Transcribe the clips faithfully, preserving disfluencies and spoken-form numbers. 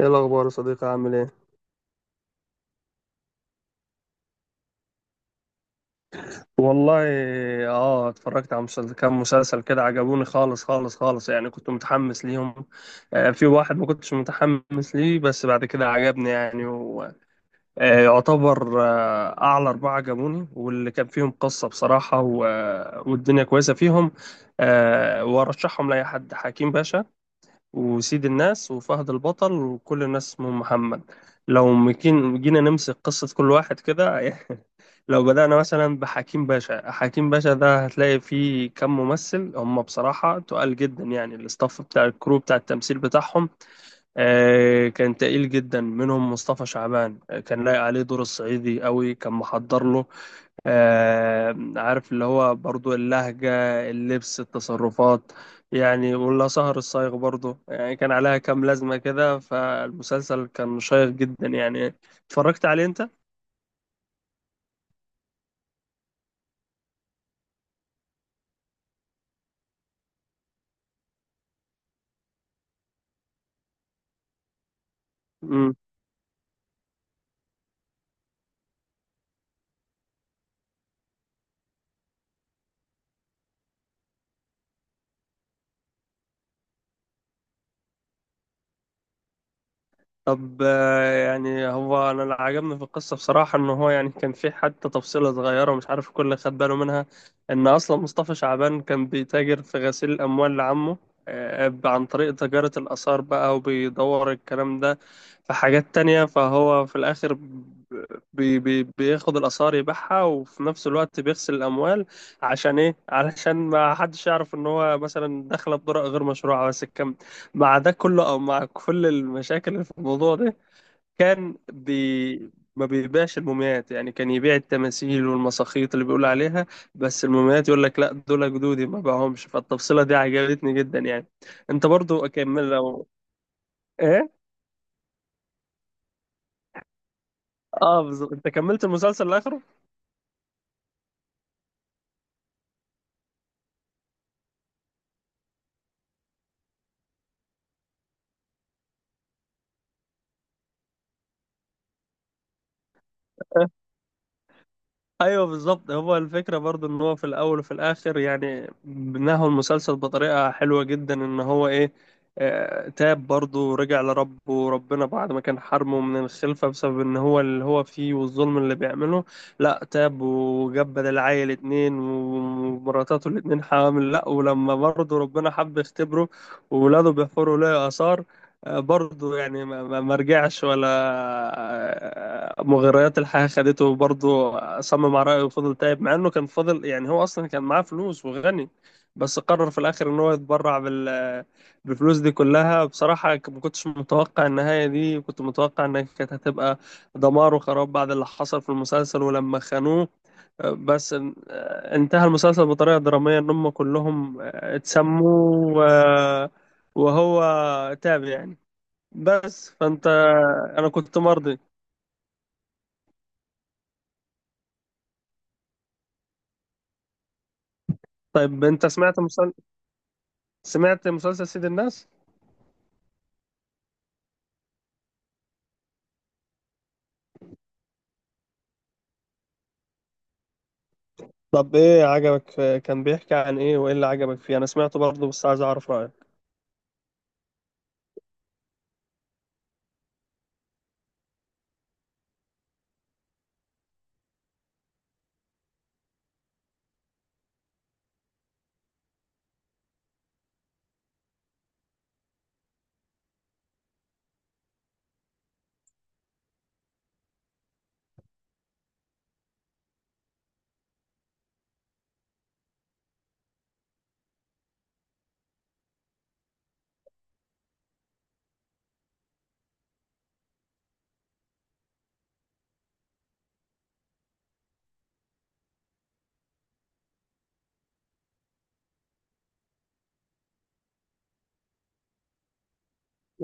ايه الاخبار يا صديقي عامل ايه. والله اه اتفرجت على مسلسل. كام مسلسل كده عجبوني خالص خالص خالص، يعني كنت متحمس ليهم. آه، في واحد ما كنتش متحمس ليه، بس بعد كده عجبني، يعني ويعتبر آه يعتبر آه اعلى اربعة عجبوني، واللي كان فيهم قصة بصراحة و... والدنيا كويسة فيهم. آه، وارشحهم لاي حد: حكيم باشا وسيد الناس وفهد البطل وكل الناس اسمهم محمد. لو مكين- جينا نمسك قصة كل واحد كده لو بدأنا مثلا بحكيم باشا، حكيم باشا ده هتلاقي فيه كم ممثل هم بصراحة تقال جدا، يعني الاستاف بتاع الكرو بتاع التمثيل بتاعهم آه، كان تقيل جدا. منهم مصطفى شعبان آه، كان لايق عليه دور الصعيدي قوي، كان محضر له آه، عارف اللي هو برضو اللهجة، اللبس، التصرفات. يعني ولا سهر الصايغ برضو، يعني كان عليها كام لازمة كده. فالمسلسل كان شيق جدا يعني. اتفرجت عليه انت؟ طب آه، يعني هو انا اللي عجبني في القصه بصراحه ان هو يعني كان في حتى تفصيله صغيره ومش عارف الكل خد باله منها. ان اصلا مصطفى شعبان كان بيتاجر في غسيل الاموال لعمه آه، عن طريق تجاره الاثار بقى، وبيدور الكلام ده في حاجات تانية. فهو في الاخر بي بي بياخد الاثار يبيعها، وفي نفس الوقت بيغسل الاموال. عشان ايه؟ علشان ما حدش يعرف ان هو مثلا دخل بطرق غير مشروعه. بس مع ده كله، او مع كل المشاكل اللي في الموضوع ده، كان بي ما بيبيعش المومياوات. يعني كان يبيع التماثيل والمساخيط اللي بيقول عليها، بس المومياوات يقول لك لا دول جدودي ما باعهمش. فالتفصيلة دي عجبتني جدا يعني. انت برضو اكمل لو ايه. اه بالظبط، انت كملت المسلسل لاخره. ايوه بالظبط. هو الفكره برضو ان هو في الاول وفي الاخر، يعني بناه المسلسل بطريقه حلوه جدا. ان هو ايه، آه، تاب برضو ورجع لربه، وربنا بعد ما كان حرمه من الخلفه بسبب ان هو اللي هو فيه والظلم اللي بيعمله، لا تاب وجاب بدل عيل اتنين ومراتاته الاتنين حامل. لا، ولما برضو ربنا حب يختبره وولاده بيحفروا له اثار، برضه يعني ما ما- ما رجعش، ولا آه، مغريات الحياة خدته. برضه صمم على رأيه وفضل تايب، مع انه كان فضل، يعني هو اصلا كان معاه فلوس وغني. بس قرر في الاخر ان هو يتبرع بال بالفلوس دي كلها. بصراحة ك- ما كنتش متوقع النهاية دي، كنت متوقع انها كانت هتبقى دمار وخراب بعد اللي حصل في المسلسل ولما خانوه. بس ان- آه، انتهى المسلسل بطريقة درامية ان هم كلهم آه، اتسموا و- وهو تاب يعني. بس فانت انا كنت مرضي. طيب انت سمعت مسل... سمعت مسلسل سيد الناس؟ طب ايه عجبك في... كان بيحكي عن ايه؟ وايه اللي عجبك فيه؟ انا سمعته برضه بس عايز اعرف رايك.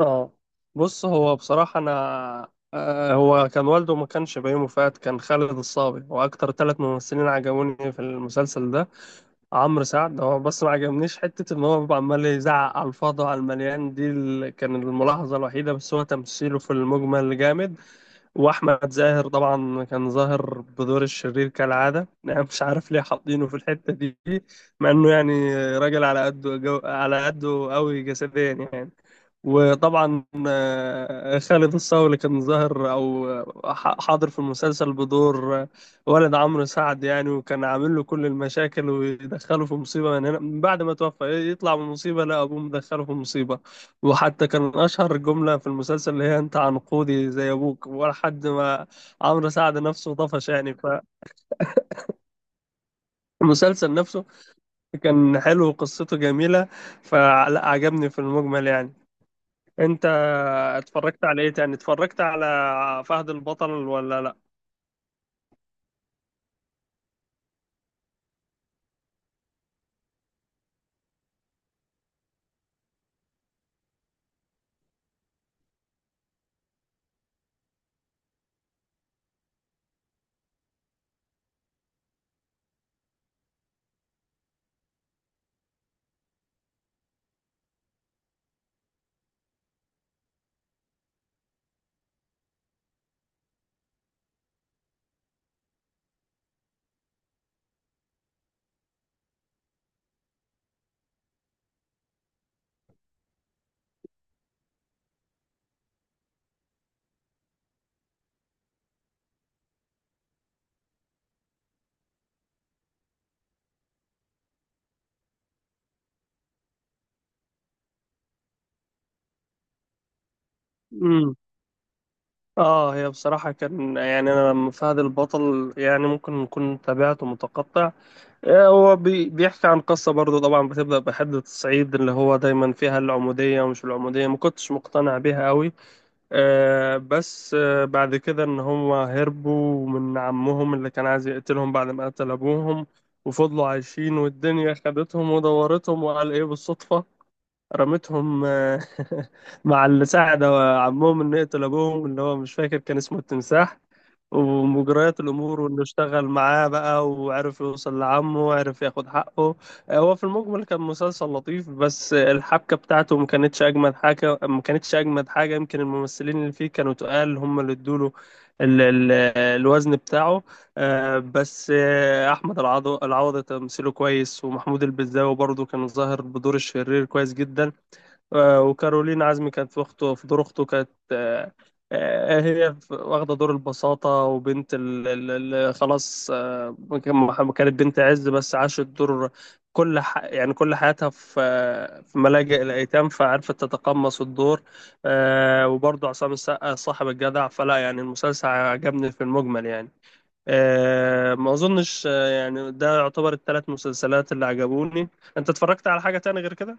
اه بص، هو بصراحه انا آه هو كان والده ما كانش بيومي فؤاد، كان خالد الصاوي. واكتر ثلاث ممثلين عجبوني في المسلسل ده: عمرو سعد هو بس ما عجبنيش حته ان هو بيبقى عمال يزعق على الفاضي على المليان. دي ال... كان الملاحظه الوحيده، بس هو تمثيله في المجمل جامد. واحمد زاهر طبعا كان ظاهر بدور الشرير كالعاده، انا مش عارف ليه حاطينه في الحته دي، مع انه يعني راجل على قده جو... على قده قوي جسديا يعني. وطبعا آه، خالد الصاوي كان ظاهر، او ح- حاضر في المسلسل بدور آه، ولد عمرو سعد يعني، وكان عامل له كل المشاكل ويدخله في مصيبه من هنا. من بعد ما توفى يطلع من مصيبه، لا ابوه مدخله في مصيبه. وحتى كان أشهر جملة في المسلسل اللي هي أنت عنقودي زي أبوك ولا حد ما. عمرو سعد نفسه طفش يعني. فالمسلسل نفسه كان حلو وقصته جميلة، فلا عجبني في المجمل يعني. أنت اتفرجت على إيه تاني؟ اتفرجت على فهد البطل ولا لأ؟ امم، اه هي بصراحة كان يعني، أنا لما فهد البطل يعني ممكن نكون تابعته متقطع. آه، هو بي- بيحكي عن قصة برضه، طبعا بتبدأ بحدة الصعيد اللي هو دايما فيها العمودية. ومش العمودية ما كنتش مقتنع بيها قوي. آه، بس آه، بعد كده إن هم هربوا من عمهم اللي كان عايز يقتلهم بعد ما قتل أبوهم، وفضلوا عايشين والدنيا خدتهم ودورتهم وقال إيه بالصدفة رمتهم آه، مع اللي ساعد عمهم إنه يقتل أبوهم، اللي هو مش فاكر كان اسمه التمساح. ومجريات الامور وانه اشتغل معاه بقى وعرف يوصل لعمه وعرف ياخد حقه. هو في المجمل كان مسلسل لطيف، بس الحبكه بتاعته ما كانتش اجمد حاجه. ما كانتش اجمد حاجه يمكن الممثلين اللي فيه كانوا تقال، هم اللي ادوله ال- ال- الوزن بتاعه. آه، بس آه، احمد العضو- العوضي تمثيله كويس، ومحمود البزاوي برضه كان ظاهر بدور الشرير كويس جدا. آه، وكارولين عزمي كانت في اخته، في دور اخته كانت آه، آه، آه، هي في- واخده دور البساطه وبنت اللي خلاص آه، كان- كانت بنت عز بس عاشت دور كل ح... يعني كل حياتها في آه، في ملاجئ الايتام فعرفت تتقمص الدور. آه، وبرضه عصام السقا صاحب الجدع. فلا، يعني المسلسل عجبني في المجمل يعني. آه، ما اظنش آه، يعني ده يعتبر الثلاث مسلسلات اللي عجبوني. انت اتفرجت على حاجه تاني غير كده؟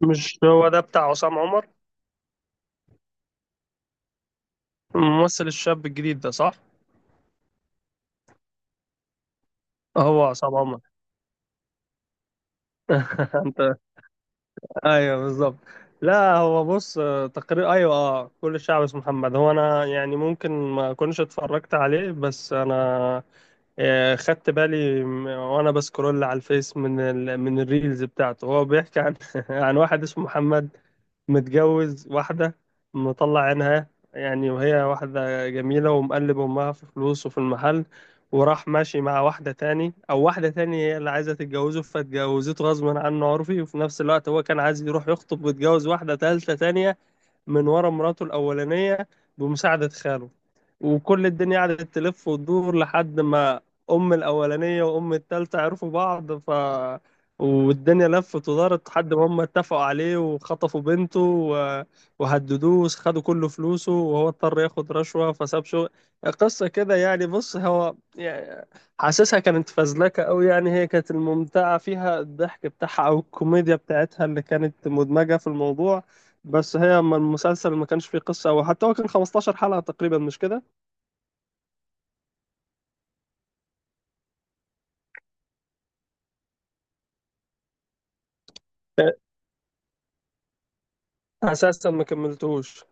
مش هو ده بتاع عصام عمر الممثل الشاب الجديد ده، صح؟ هو عصام عمر. انت ايوه بالظبط. لا هو بص آه، تقرير ايوه اه كل الشعب اسمه محمد. هو انا يعني ممكن ما اكونش اتفرجت عليه، بس انا آه، خدت بالي م- وانا بسكرول على الفيس من ال... من الريلز بتاعته، هو بيحكي عن عن واحد اسمه محمد متجوز واحدة مطلع عينها يعني، وهي واحدة جميلة ومقلب أمها في فلوس وفي المحل. وراح ماشي مع واحدة تاني أو واحدة تاني هي اللي عايزة تتجوزه، فاتجوزته غصبا عنه عرفي. وفي نفس الوقت هو كان عايز يروح يخطب ويتجوز واحدة تالتة تانية من ورا مراته الأولانية، بمساعدة خاله. وكل الدنيا قعدت تلف وتدور لحد ما أم الأولانية وأم التالتة عرفوا بعض. ف والدنيا لفت ودارت لحد ما هم اتفقوا عليه وخطفوا بنته و... وهددوه، خدوا كل فلوسه، وهو اضطر ياخد رشوة فساب شغل. قصة كده يعني. بص، هو يعني حاسسها كانت فزلكة أوي. يعني هي كانت الممتعة فيها الضحك بتاعها أو الكوميديا بتاعتها اللي كانت مدمجة في الموضوع. بس هي ما- المسلسل ما كانش فيه قصة. أو حتى هو كان خمستاشر حلقة تقريبا، مش كده؟ أساسا ما كملتوش.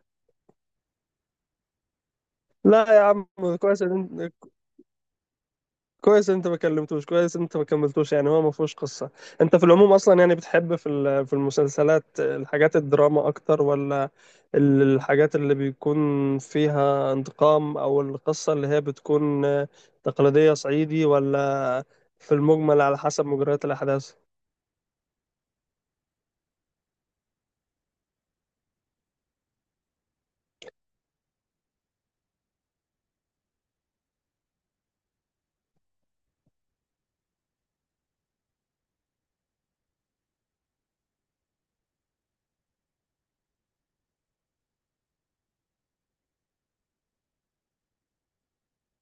لا يا عم، كويس إن أنت كويس إن أنت ما كلمتوش كويس إن أنت ما كملتوش، يعني هو ما فيهوش قصة. أنت في العموم أصلا، يعني بتحب في ال- في المسلسلات الحاجات الدراما أكتر، ولا ال- الحاجات اللي بيكون فيها انتقام، أو القصة اللي هي بتكون تقليدية صعيدي، ولا في المجمل على حسب مجريات الأحداث؟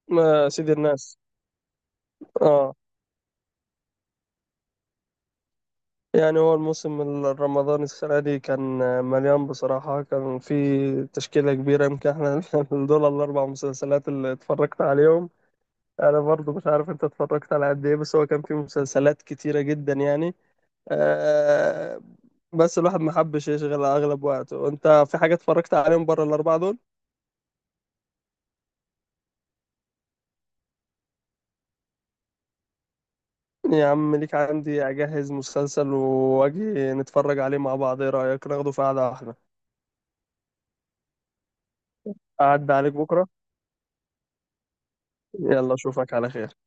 ما سيد الناس. آه، يعني هو الموسم الرمضاني السنة دي كان مليان بصراحة، كان في تشكيلة كبيرة. يمكن احنا دول الأربع مسلسلات اللي اتفرجت عليهم. أنا برضو مش عارف أنت اتفرجت على قد إيه، بس هو كان في مسلسلات كتيرة جدا يعني. أه، بس الواحد ما حبش يشغل أغلب وقته. وأنت، في حاجة اتفرجت عليهم بره الأربعة دول؟ يا عم، ليك عندي، أجهز مسلسل وأجي نتفرج عليه مع بعض. إيه رأيك، ناخده في قعدة واحدة؟ أعد عليك بكرة. يلا أشوفك على خير.